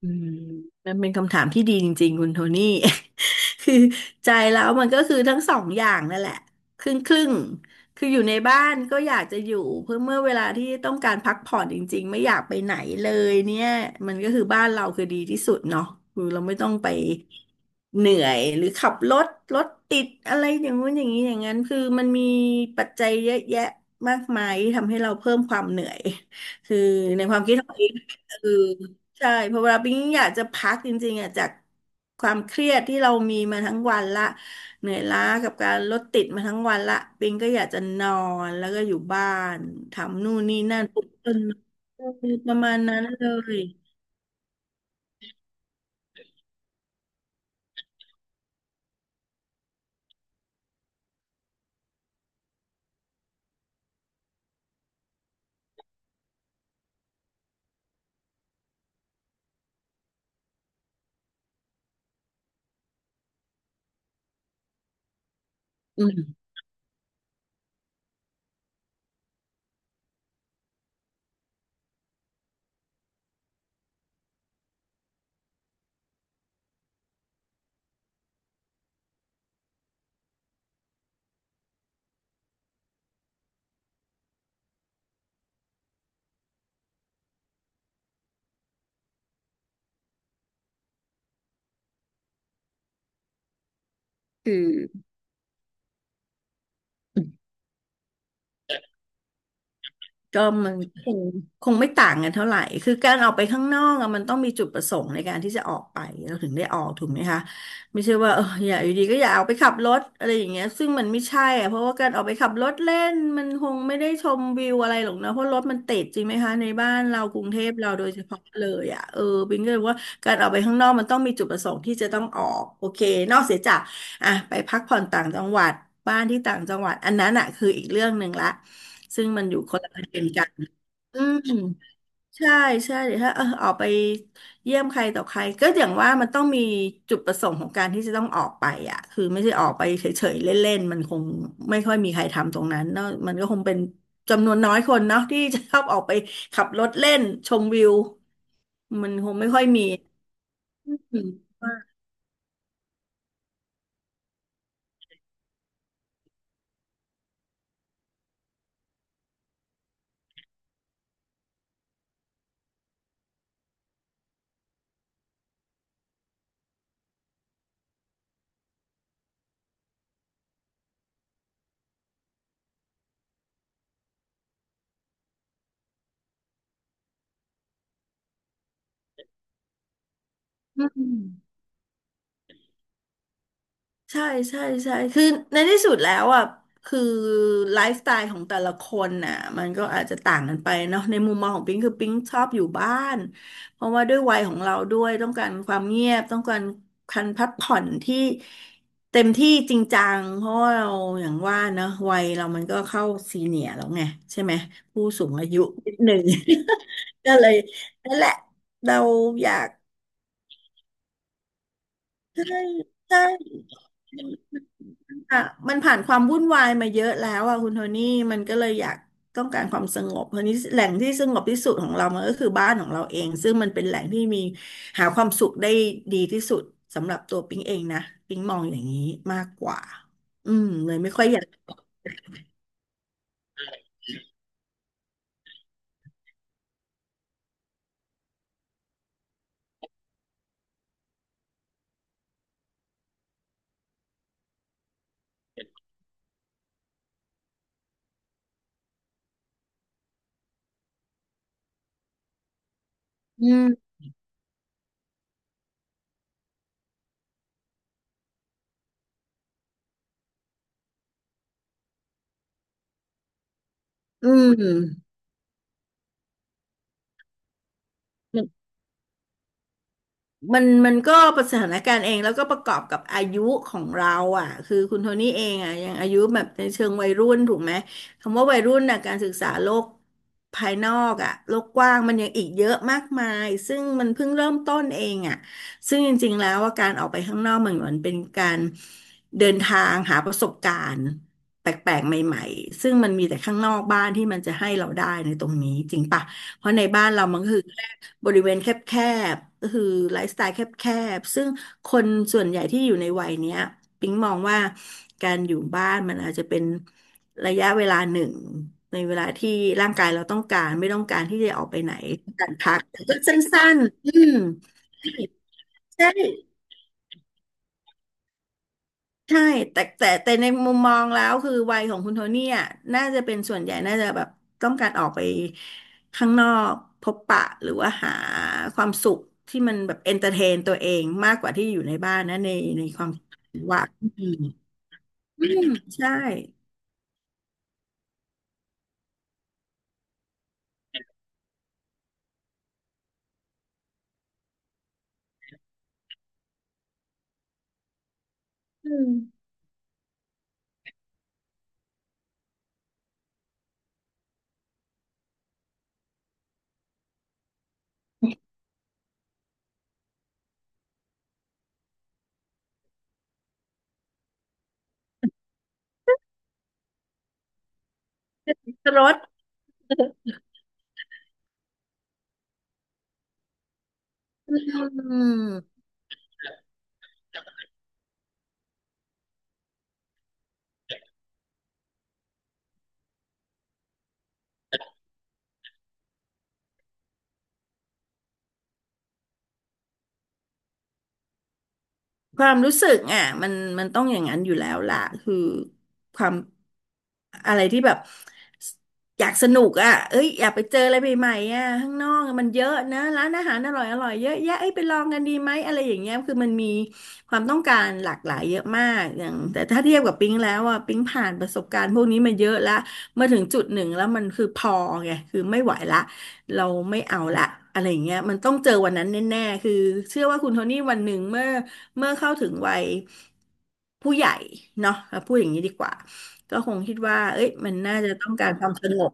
อืมมันเป็นคำถามที่ดีจริงๆคุณโทนี่ คือใจแล้วมันก็คือทั้งสองอย่างนั่นแหละครึ่งครึ่งคืออยู่ในบ้านก็อยากจะอยู่เพื่อเมื่อเวลาที่ต้องการพักผ่อนจริงๆไม่อยากไปไหนเลยเนี่ยมันก็คือบ้านเราคือดีที่สุดเนาะคือเราไม่ต้องไปเหนื่อยหรือขับรถรถติดอะไรอย่างงู้นอย่างนี้อย่างนั้นคือมันมีปัจจัยเยอะแยะมากมายที่ทำให้เราเพิ่มความเหนื่อยคือในความคิดของเองเออ ใช่เพราะเวลาปิ๊งอยากจะพักจริงๆอ่ะจากความเครียดที่เรามีมาทั้งวันละเหนื่อยล้ากับการรถติดมาทั้งวันละปิ๊งก็อยากจะนอนแล้วก็อยู่บ้านทำนู่นนี่นั่นปลูกต้นไม้ประมาณนั้นเลยอืมอืม ก็มันคงคงไม่ต่างกันเท่าไหร่ คือการออกไปข้างนอกอะมันต้องมีจุดประสงค์ในการที่จะออกไปเราถึงได้ออกถูกไหมคะไม่ใช่ว่าอยากอยู่ดีก็อยากออไปขับรถอะไรอย่างเงี้ยซึ่งมันไม่ใช่อะเพราะว่าการออกไปขับรถเล่นมันคงไม่ได้ชมวิวอะไรหรอกนะเพราะรถมันติดจริงไหมคะในบ้านเรากรุงเทพเราโดยเฉพาะเลยอะเออบิงก็เลยว่าการออกไปข้างนอกมันต้องมีจุดประสงค์ที่จะต้องออกโอเคนอกเสียจาก อ่ะไปพักผ่อนต่างจังหวัดบ้านที่ต่างจังหวัดอันนั้นอ่ะคืออีกเรื่องหนึ่งละซึ่งมันอยู่คนละประเด็นกันอืมใช่ใช่เดี๋ยวถ้าออกไปเยี่ยมใครต่อใครก็อย่างว่ามันต้องมีจุดประสงค์ของการที่จะต้องออกไปอ่ะคือไม่ใช่ออกไปเฉยๆเล่นๆมันคงไม่ค่อยมีใครทำตรงนั้นเนอะมันก็คงเป็นจำนวนน้อยคนเนาะที่จะชอบออกไปขับรถเล่นชมวิวมันคงไม่ค่อยมีอืม ใช่ใช่ใช่คือในที่สุดแล้วอ่ะคือไลฟ์สไตล์ของแต่ละคนน่ะมันก็อาจจะต่างกันไปเนาะในมุมมองของปิงคือปิงชอบอยู่บ้านเพราะว่าด้วยวัยของเราด้วยต้องการความเงียบต้องการการพักผ่อนที่เต็มที่จริงจังเพราะว่าเราอย่างว่าเนอะวัยเรามันก็เข้าซีเนียร์แล้วไงใช่ไหมผู้สูงอายุนิดหนึ่ง ก็เลยนั่นแหละเราอยากใช่ใช่ อ่ะมันผ่านความวุ่นวายมาเยอะแล้วอ่ะคุณโทนี่มันก็เลยอยากต้องการความสงบเพราะนี้แหล่งที่สงบที่สุดของเรามันก็คือบ้านของเราเองซึ่งมันเป็นแหล่งที่มีหาความสุขได้ดีที่สุดสำหรับตัวปิ๊งเองนะปิ๊งมองอย่างนี้มากกว่าอืมเลยไม่ค่อยอยากอืมอืม มันก็ประสถานการณ์เองแล้วก็ประกอบกับอายุของเราอ่ะคือคุณโทนี่เองอ่ะยังอายุแบบในเชิงวัยรุ่นถูกไหมคำว่าวัยรุ่นน่ะการศึกษาโลกภายนอกอ่ะโลกกว้างมันยังอีกเยอะมากมายซึ่งมันเพิ่งเริ่มต้นเองอ่ะซึ่งจริงๆแล้วว่าการออกไปข้างนอกมันเหมือนเป็นการเดินทางหาประสบการณ์แปลกๆใหม่ๆซึ่งมันมีแต่ข้างนอกบ้านที่มันจะให้เราได้ในตรงนี้จริงปะ เพราะในบ้านเรามันก็คือแค่บริเวณแคบๆก็คือไลฟ์สไตล์แคบๆซึ่งคนส่วนใหญ่ที่อยู่ในวัยเนี้ยปิ๊งมองว่าการอยู่บ้านมันอาจจะเป็นระยะเวลาหนึ่งในเวลาที่ร่างกายเราต้องการไม่ต้องการที่จะออกไปไหนต้องการพักแต่ก็สั้นๆอืมใช่ ใช่แต่ในมุมมองแล้วคือวัยของคุณโทนี่อ่ะน่าจะเป็นส่วนใหญ่น่าจะแบบต้องการออกไปข้างนอกพบปะหรือว่าหาความสุขที่มันแบบเอนเตอร์เทนตัวเองมากกว่าที่อยู่ในบ้านนะในความคิดที่อืมใช่รถอืม ความรู้สึกอ่ะมันต้องอย่างนั้นอยู่แล้วล่ะคือความอะไรที่แบบอยากสนุกอ่ะเอ้ยอยากไปเจออะไรใหม่ๆอ่ะข้างนอกมันเยอะนะร้านอาหารอร่อยเยอะแยะเอ้ยไปลองกันดีไหมอะไรอย่างเงี้ยคือมันมีความต้องการหลากหลายเยอะมากอย่างแต่ถ้าเทียบกับปิ๊งแล้วอ่ะปิ๊งผ่านประสบการณ์พวกนี้มาเยอะละมาถึงจุดหนึ่งแล้วมันคือพอไงคือไม่ไหวละเราไม่เอาละอะไรอย่างเงี้ยมันต้องเจอวันนั้นแน่ๆคือเชื่อว่าคุณโทนี่วันหนึ่งเมื่อเข้าถึงวัยผู้ใหญ่เนาะเราพูดอย่างนี้ดีกว่าก็คงคิดว่าเอ้ยมันน่าจะต้องการความสงบ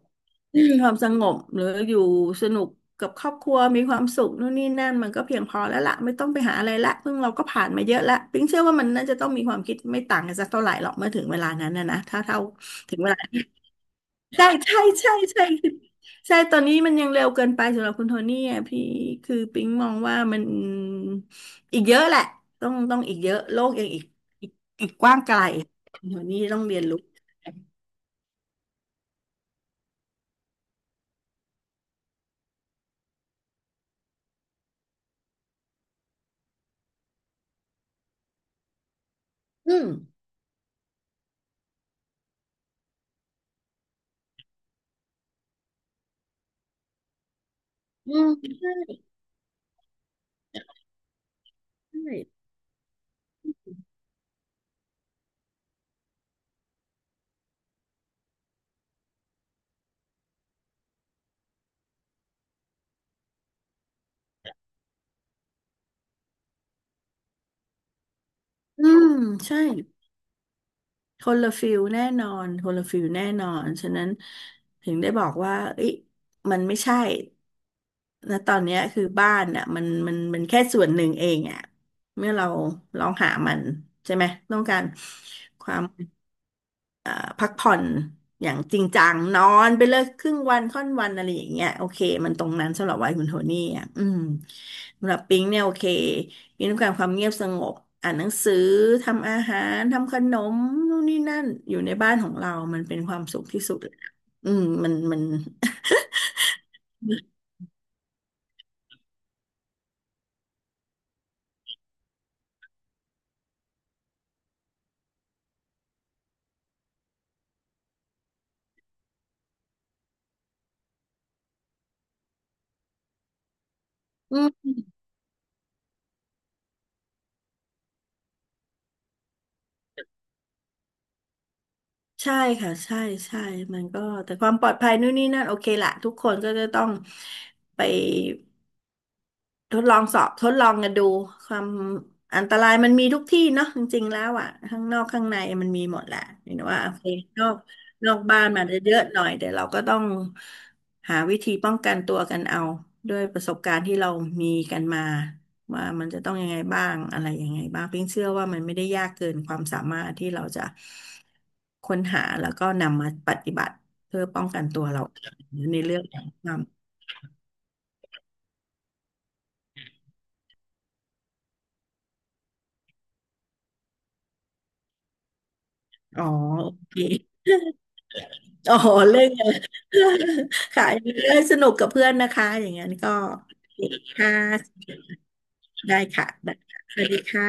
ความสงบหรืออยู่สนุกกับครอบครัวมีความสุขนู่นนี่นั่นมันก็เพียงพอแล้วล่ะไม่ต้องไปหาอะไรละเพิ่งเราก็ผ่านมาเยอะละปิ๊งเชื่อว่ามันน่าจะต้องมีความคิดไม่ต่างกันสักเท่าไหร่หรอกเมื่อถึงเวลานั้นนะถ้าเท่าถึงเวลา ใช่คือใช่ตอนนี้มันยังเร็วเกินไปสำหรับคุณโทนี่อ่ะพี่คือปิ๊งมองว่ามันอีกเยอะแหละต้องอีกเยอะโลกยังอีกอีกกว้างไกลคุณโทนี่ต้องเรียนรู้อืมอืมใช่ใช่อืมใช่ คนละฟิลแน่นอน คนละฟิลแน่นอน ฉะนั้นถึงได้บอกว่าเอ้ยมันไม่ใช่นะตอนเนี้ยคือบ้านอ่ะมันแค่ส่วนหนึ่งเองอ่ะเมื่อเราลองหามันใช่ไหมต้องการความ เอ่อพักผ่อนอย่างจริงจังนอนไปเลยครึ่งวันค่อนวันอะไรอย่างเงี้ยโอเคมันตรงนั้นสำหรับวัยคุณโทนี่อ่ะอืมสำหรับปิงเนี่ยโอเคปิงต้องการความเงียบสงบอ่านหนังสือทำอาหารทำขนมนู่นนี่นั่นอยู่ในบ้านของเรามันเป็นความสุขที่สุดเลยนะอืมมัน อืมใช่ค่ะใช่ใช่มันก็แต่ความปลอดภัยนู่นนี่นั่นโอเคละทุกคนก็จะต้องไป ทดลองสอบทดลองกันดูความอันตรายมันมีทุกที่เนาะจริงๆแล้วอ่ะข้างนอกข้างในมันมีหมดแหละเห็นว่าโอเคนอกนอกบ้านมาเยอะหน่อยแต่เราก็ต้องหาวิธีป้องกันตัวกันเอาด้วยประสบการณ์ที่เรามีกันมาว่ามันจะต้องยังไงบ้างอะไรยังไงบ้างพีงเชื่อว่ามันไม่ได้ยากเกินความสามารถที่เราจะค้นหาแล้วก็นำมาปฏิบัติเพื่อป้องกันตัวเราเองในเรื่องของความอ๋อโอเค อ๋อเล่นกันค่ะ เล่นสนุกกับเพื่อนนะคะ อย่างนั้นก็โอเคค่ะได้ค่ะได้ค่ะสวัสดีค่ะ